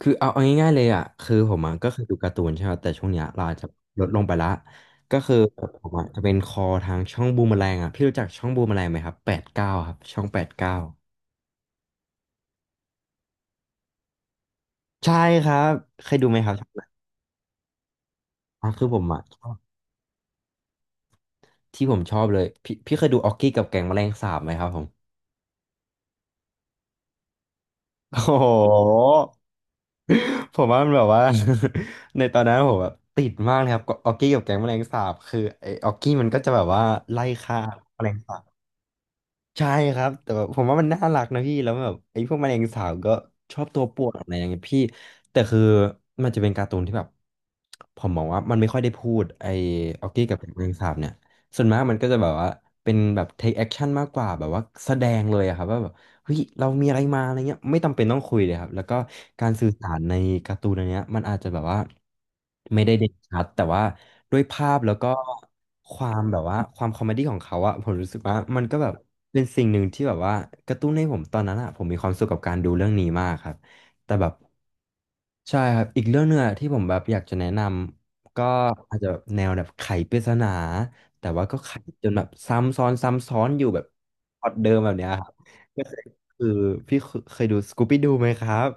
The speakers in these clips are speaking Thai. คือเอาง่ายๆเลยอ่ะคือผมอ่ะก็คือดูการ์ตูนใช่ไหมแต่ช่วงเนี้ยเราอาจจะลดลงไปละก็คือผมอ่ะจะเป็นคอทางช่องบูมเมอแรงอ่ะพี่รู้จักช่องบูมเมอแรงไหมครับแปดเก้าครับช่องแปดเก้าใช่ครับเคยดูไหมครับช่องนั้นอ่ะคือผมอ่ะชอบที่ผมชอบเลยพี่เคยดูออกกี้กับแก๊งแมลงสาบไหมครับผมโอ้โหผมว่ามันแบบว่า ในตอนนั้นผมแบบติดมากเลยครับก็ออกกี้กับแก๊งแมลงสาบคือไอ้ออกกี้มันก็จะแบบว่าไล่ฆ่าแมลงสาบ ใช่ครับแต่แบบผมว่ามันน่ารักนะพี่แล้วแบบไอ้พวกแมลงสาบก็ชอบตัวป่วนอะไรอย่างเงี้ยพี่แต่คือมันจะเป็นการ์ตูนที่แบบผมมองว่ามันไม่ค่อยได้พูดไอ้ออกกี้กับแมลงสาบเนี่ยส่วนมากมันก็จะแบบว่าเป็นแบบ take action มากกว่าแบบว่าแสดงเลยอะครับว่าแบบ เฮ้ยเรามีอะไรมาอะไรเงี้ยไม่จำเป็นต้องคุยเลยครับแล้วก็การสื่อสารในการ์ตูนอันเนี้ยมันอาจจะแบบว่าไม่ได้เด่นชัดแต่ว่าด้วยภาพแล้วก็ความแบบว่าความคอมเมดี้ของเขาอะผมรู้สึกว่ามันก็แบบเป็นสิ่งหนึ่งที่แบบว่ากระตุ้นให้ผมตอนนั้นอะผมมีความสุขกับการดูเรื่องนี้มากครับแต่แบบใช่ครับอีกเรื่องหนึ่งอะที่ผมแบบอยากจะแนะนำก็อาจจะแนวแบบไขปริศนาแต่ว่าก็ไขจนแบบซ้ำซ้อนอยู่แบบพล็อตเดิมแบบเนี้ยครับ คือพี่เคยดูสกูปี้ดูไหมครับ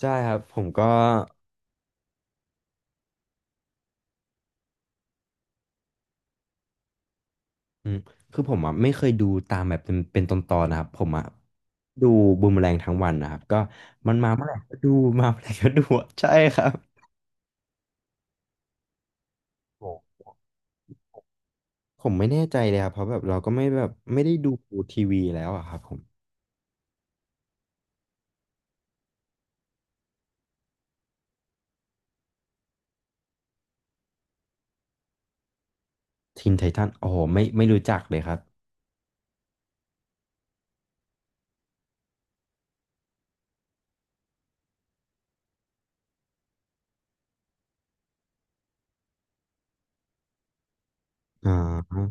ใช่ครับผมก็อืมคือผมอ่ะไม่เคยดูตามแบบเป็นตอนๆนะครับผมอ่ะดูบูมแรงทั้งวันนะครับก็มันมาเมื่อไหร่ก็ดูมาเมื่อไหร่ ก็ดูอะใช่ครับโอ้ผมไม่แน่ใจเลยครับเพราะแบบเราก็ไม่แบบไม่ได้ดูทีวีแล้วอะครับผมทีนไททันโอ้โหไม่รู้จักเลยครับอ่า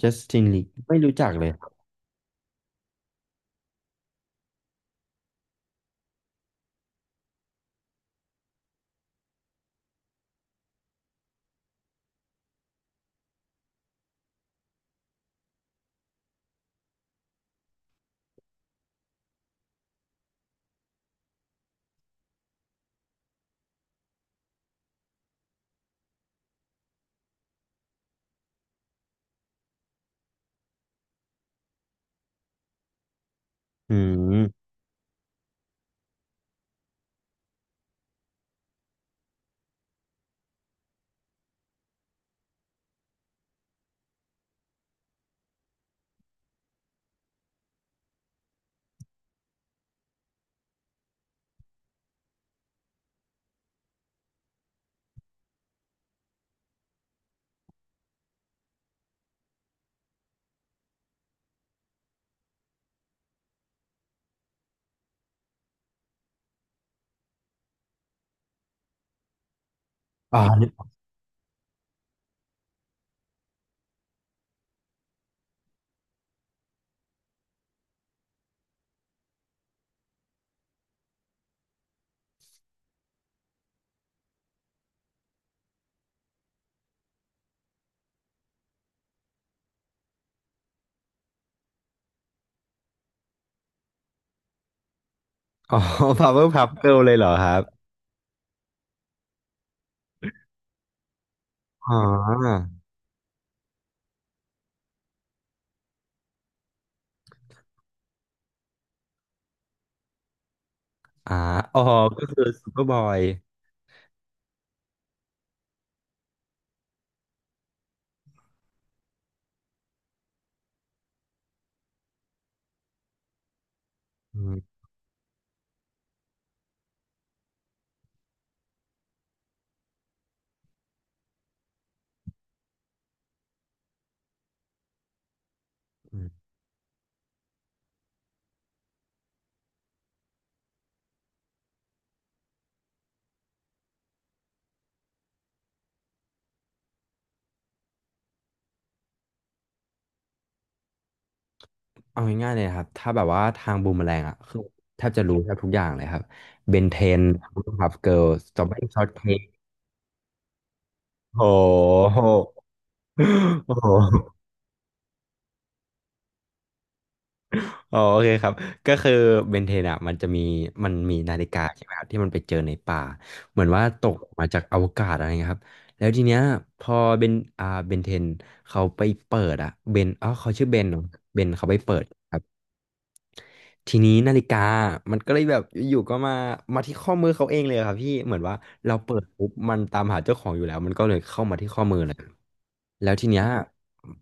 จัสตินลีไม่รู้จักเลยครับอืมอ๋อ อ๋อพาวเวอร์พับเกิลเลยเหรอครับอ๋อ อ่าอ๋อก็คือซูเปอร์บอยอืมอืมเอาง่ายๆเลยนะครับถ้าแบบว่าทางบูมแมลงอ่ะคือแทบจะรู้แทบทุกอย่างเลยครับเบนเทนครับเกิร์ลสตรอเบอรี่ช็อตเค้กโอ้โหโอ้โหอ๋อโอเคครับก็คือเบนเทนอ่ะมันจะมีมันมีนาฬิกาใช่ไหมครับที่มันไปเจอในป่าเหมือนว่าตกมาจากอวกาศอะไรเงี้ยครับแล้วทีเนี้ยพอเบนอ่าเบนเทนเขาไปเปิดอ่ะเบนอ๋อเขาชื่อเบนเนอะเบนเขาไปเปิดครับ ทีนี้นาฬิกามันก็เลยแบบอยู่ๆก็มามาที่ข้อมือเขาเองเลยครับพี่ เหมือนว่าเราเปิดปุ๊บมันตามหาเจ้าของอยู่แล้วมันก็เลยเข้ามาที่ข้อมือเลยแล้วทีเนี้ย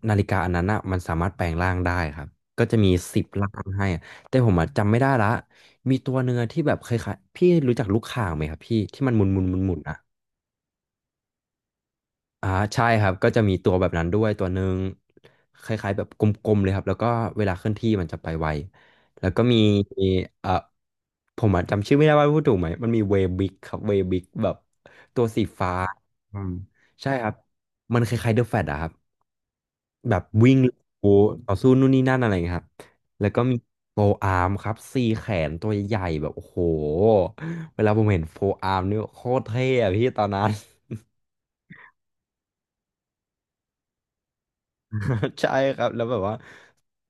นาฬิกาอันนั้นอ่ะมันสามารถแปลงร่างได้ครับก็จะมี10 ร่างให้อะแต่ผมอ่ะจำไม่ได้ละมีตัวเนื้อะที่แบบเคยๆพี่รู้จักลูกข่างไหมครับพี่ที่มันหมุนหมุนหมุนหมุน อ่าใช่ครับก็จะมีตัวแบบนั้นด้วยตัวหนึ่งคล้ายๆแบบกลมๆเลยครับแล้วก็เวลาเคลื่อนที่มันจะไปไวแล้วก็มีเอ่อผมอะจำชื่อไม่ได้ว่าพูดถูกไหมมันมีเวบิกครับเวบิกแบบตัวสีฟ้าอืมใช่ครับมันคล้ายๆเดอะแฟตอะครับแบบวิ่งโอ้ต่อสู้นู่นนี่นั่นอะไรอย่างเงี้ยครับแล้วก็มีโฟอาร์มครับ4 แขนตัวใหญ่ๆแบบโอ้โหเวลาผมเห็นโฟอาร์มนี่โคตรเท่อะพี่ตอนนั้น ใช่ครับแล้วแบบว่า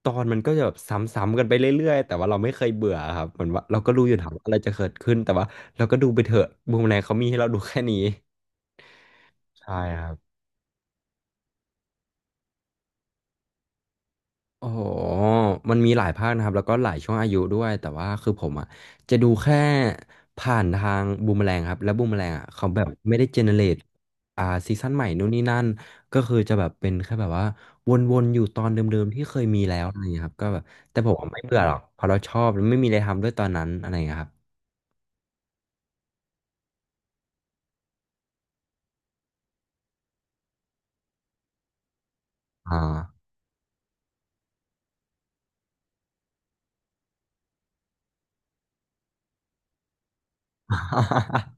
ตอนมันก็จะแบบซ้ำๆกันไปเรื่อยๆแต่ว่าเราไม่เคยเบื่อครับเหมือนว่าเราก็รู้อยู่ถามว่าอะไรจะเกิดขึ้นแต่ว่าเราก็ดูไปเถอะบูมแรงเขามีให้เราดูแค่นี้ใช่ครับ โอ้โหมันมีหลายภาคนะครับแล้วก็หลายช่วงอายุด้วยแต่ว่าคือผมอ่ะจะดูแค่ผ่านทางบูมแมลงครับแล้วบูมแมลงอ่ะเขาแบบไม่ได้เจเนเรตอ่าซีซั่นใหม่นู่นนี่นั่นก็คือจะแบบเป็นแค่แบบว่าวนๆอยู่ตอนเดิมๆที่เคยมีแล้วอะไรอย่างเงี้ยครับก็แบบแต่ผมอะไม่เบื่อหรอกเพราะเราชอบแล้วไม่มีอะไรทำด้วยตอนนั้นอะไรอย่างเงี้ยครับอ่า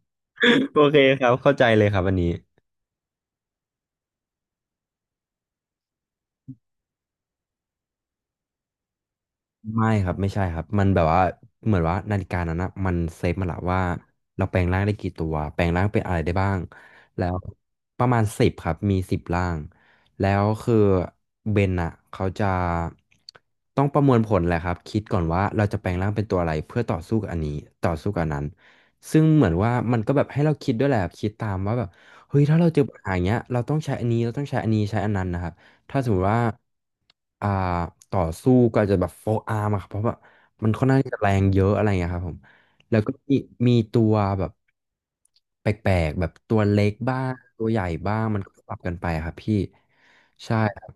โอเคครับเข้าใจเลยครับวันนี้ ไม่ครับไม่ใช่ครับมันแบบว่าเหมือนว่านาฬิกานั้นนะมันเซฟมาละว่าเราแปลงร่างได้กี่ตัวแปลงร่างเป็นอะไรได้บ้างแล้วประมาณสิบครับมีสิบร่างแล้วคือเบนอ่ะเขาจะต้องประมวลผลแหละครับคิดก่อนว่าเราจะแปลงร่างเป็นตัวอะไรเพื่อต่อสู้กับอันนี้ต่อสู้กับอันนั้นซึ่งเหมือนว่ามันก็แบบให้เราคิดด้วยแหละครับคิดตามว่าแบบเฮ้ยถ้าเราเจอปัญหาอย่างเงี้ยเราต้องใช้อันนี้เราต้องใช้อันนี้ใช้อันนั้นนะครับ ถ้าสมมติว่าอ่าต่อสู้ก็อาจจะแบบโฟอาร์มอะครับเพราะว่ามันค่อนข้างที่จะแรงเยอะอะไรอย่างเงี้ยครับผมแล้วก็มีมีตัวแบบแปลกๆแบบตัวเล็กบ้างตัวใหญ่บ้างมันก็ปรับกันไปอะครับพี่ใช่ครับ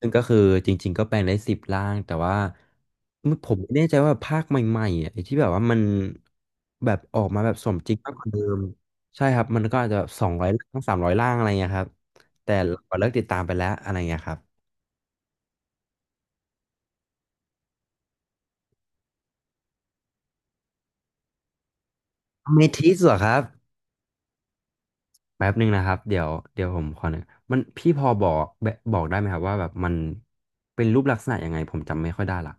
ซึ่งก็คือจริงๆก็แปลงได้สิบร่างแต่ว่าผมไม่แน่ใจว่าภาคใหม่ๆอ่ะไอ้ที่แบบว่ามันแบบออกมาแบบสมจริงมากกว่าเดิมใช่ครับมันก็อาจจะ200 ร่าง 300 ร่างอะไรเงี้ยครับแต่เราเลิกติดตามไปแล้วอะไรเงี้ยครับ เมทิสเหรอครับแป๊บหนึ่งนะครับเดี๋ยวผมขอหนึ่งมันพี่พอบอกแบบบอกได้ไหมครับว่าแบบมันเป็นรูปลักษณะยังไงผมจำไม่ค่อยได้ละ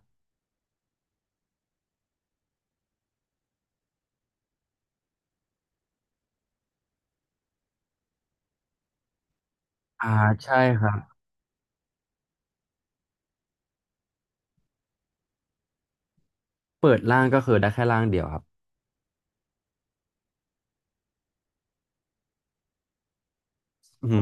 อ่าใช่ครับเปิดร่างก็คือได้แค่ร่างเดียวครับอืม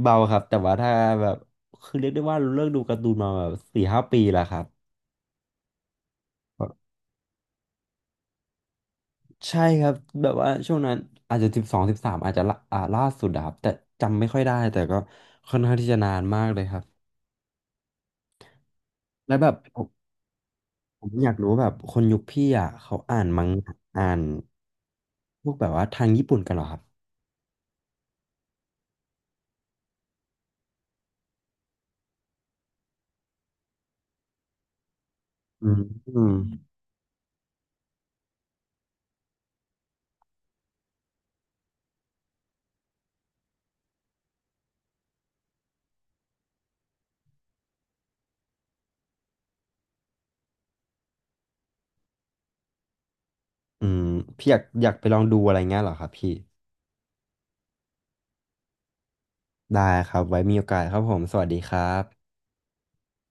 เบาครับแต่ว่าถ้าแบบคือเรียกได้ว่าเลิกดูการ์ตูนมาแบบ4-5 ปีแล้วครับใช่ครับแบบว่าช่วงนั้นอาจจะ12-13อาจจะละอ่าล่าสุดอะครับแต่จำไม่ค่อยได้แต่ก็ค่อนข้างที่จะนานมากเลยครับแล้วแบบ ผมอยากรู้แบบคนยุคพี่อ่ะเขาอ่านมังงะอ่านพวกแบบว่าทางญี่ปุ่นกันเหรอครับ อืม อืมอืมพี่อยากไปลองดูอะไรเงี้ยเหรอครับพี่ ได้ครับไว้มีโอกาสครับผม สวัสดีครับ